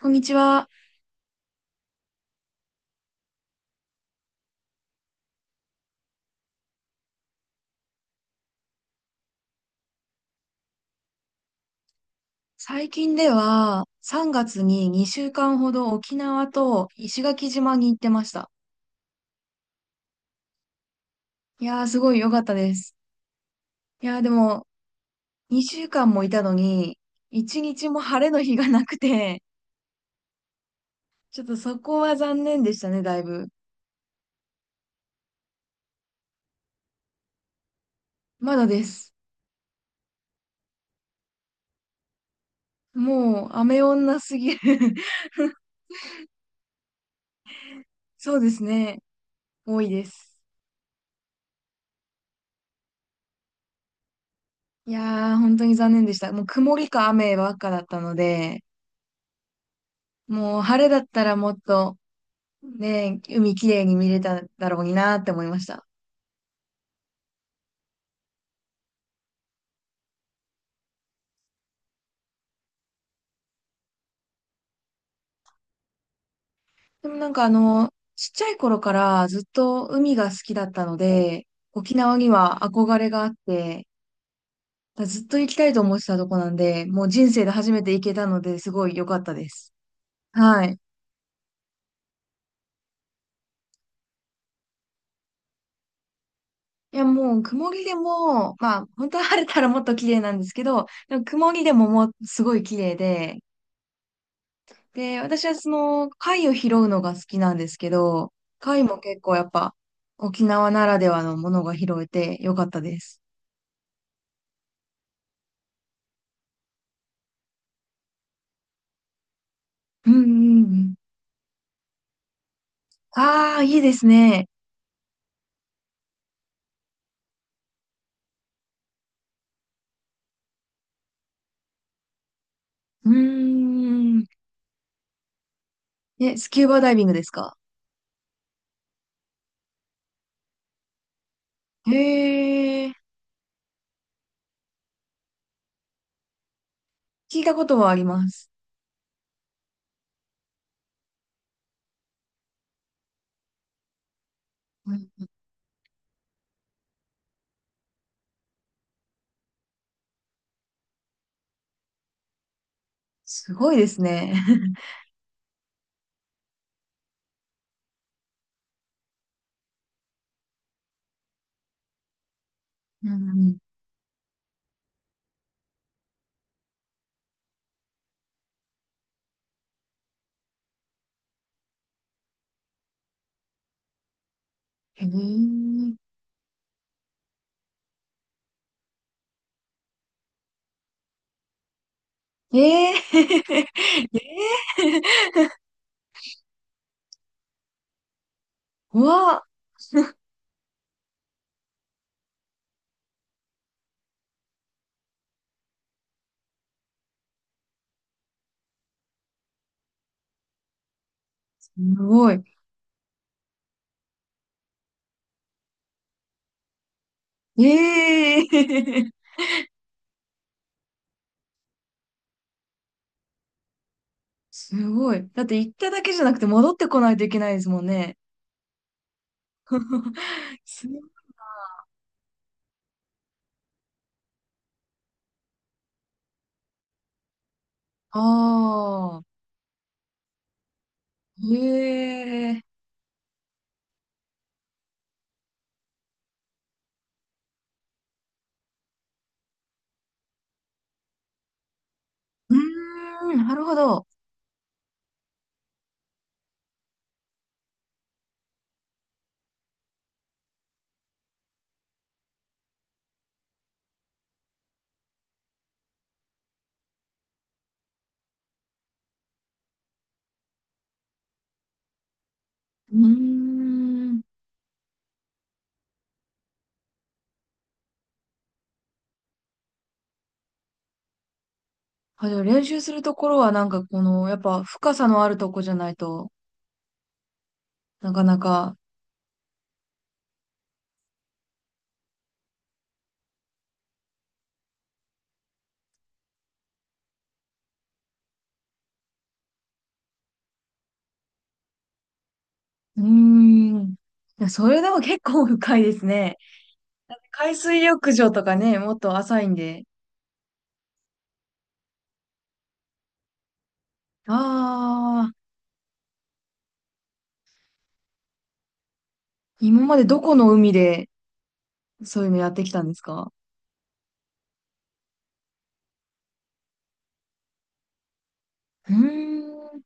こんにちは。最近では3月に2週間ほど沖縄と石垣島に行ってました。いやーすごい良かったです。いやーでも2週間もいたのに1日も晴れの日がなくて、ちょっとそこは残念でしたね、だいぶ。まだです。もう雨女すぎる。 そうですね。多いです。いやー本当に残念でした。もう曇りか雨ばっかだったので、もう晴れだったらもっとね、海きれいに見れただろうになって思いました。でもなんかちっちゃい頃からずっと海が好きだったので、沖縄には憧れがあって、ずっと行きたいと思ってたとこなんで、もう人生で初めて行けたのですごい良かったです。はい。いやもう曇りでも、まあ本当は晴れたらもっと綺麗なんですけど、でも曇りでももうすごい綺麗で、で、私はその貝を拾うのが好きなんですけど、貝も結構やっぱ沖縄ならではのものが拾えてよかったです。うんうんうん。ああ、いいですね。うーん。え、スキューバダイビングですか？へえ、聞いたことはあります。うん、すごいですね。うんうん、へえ。えー、えー、うわ、すごい。ええすごい。だって行っただけじゃなくて戻ってこないといけないですもんね。すああー、へえ。うーん、なるほど。うーん。あ、じゃあ練習するところはなんかこの、やっぱ深さのあるとこじゃないとなかなか。うーん。いや、それでも結構深いですね。海水浴場とかね、もっと浅いんで。ああ、今までどこの海でそういうのやってきたんですか？うーん。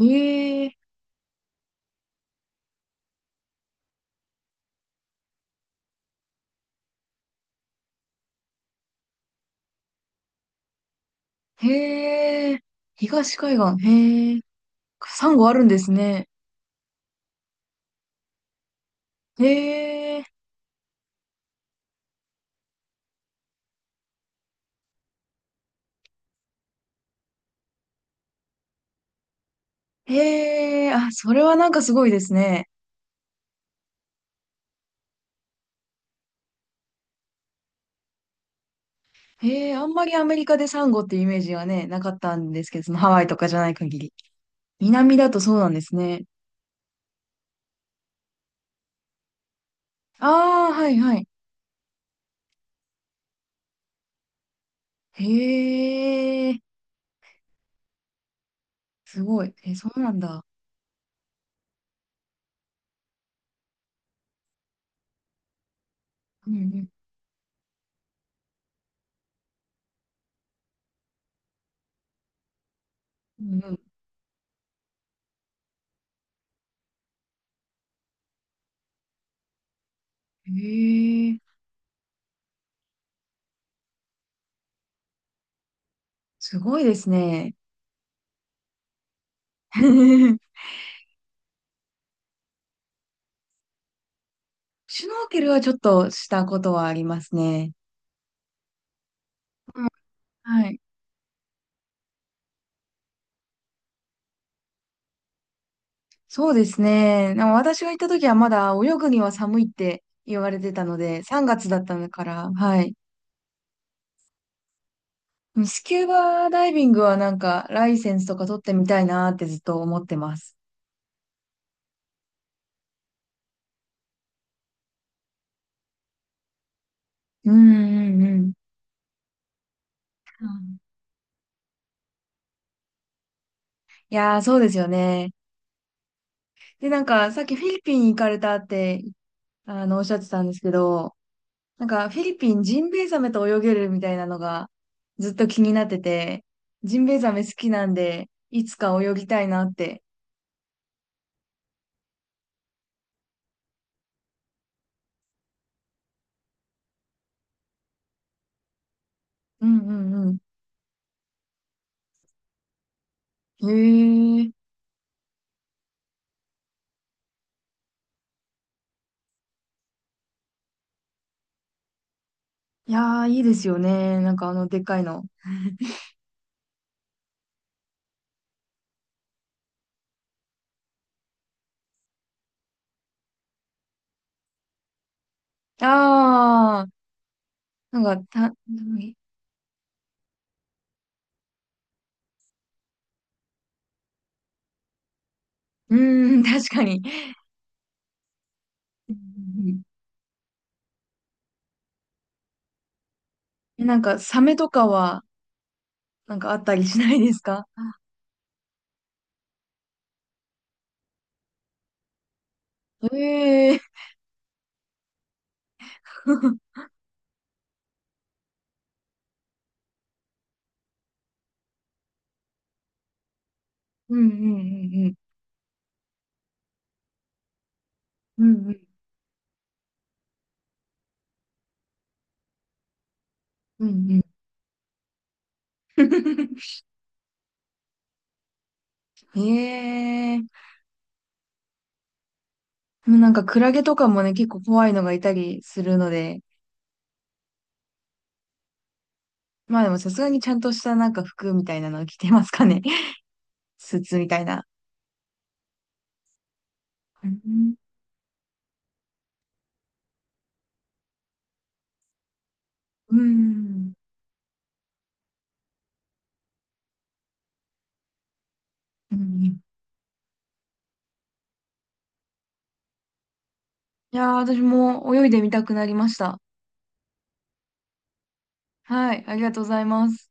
へえ、へえ、東海岸、へえ、サンゴあるんですね。へえ、へえ、あ、それはなんかすごいですね。へえ、あんまりアメリカでサンゴっていうイメージはね、なかったんですけど、そのハワイとかじゃない限り。南だとそうなんですね。ああ、はいはい。へえ、すごい。え、そうなんだ。うんうん、うんうん。へえ、すごいですね。シュノーケルはちょっとしたことはありますね。うん、はい。そうですね。でも私が行った時はまだ泳ぐには寒いって言われてたので、3月だったのから、はい。スキューバダイビングはなんかライセンスとか取ってみたいなーってずっと思ってます。うんうんうん。うん、いやー、そうですよね。で、なんかさっきフィリピン行かれたって、おっしゃってたんですけど、なんかフィリピンジンベエザメと泳げるみたいなのがずっと気になってて、ジンベエザメ好きなんで、いつか泳ぎたいなって。うんうんうん。へえ。いやー、いいですよね。なんかあの、でっかいの。あー、なんか、うーん、確かに。うんうん、え、なんか、サメとかは、なんかあったりしないですか？ええー。うんうんうんうん。うんうんうんうん。ええー。なんか、クラゲとかもね、結構怖いのがいたりするので、まあでもさすがにちゃんとしたなんか服みたいなの着てますかね。スーツみたいな。うんうん。ううんうん、いやー、私も泳いでみたくなりました。はい、ありがとうございます。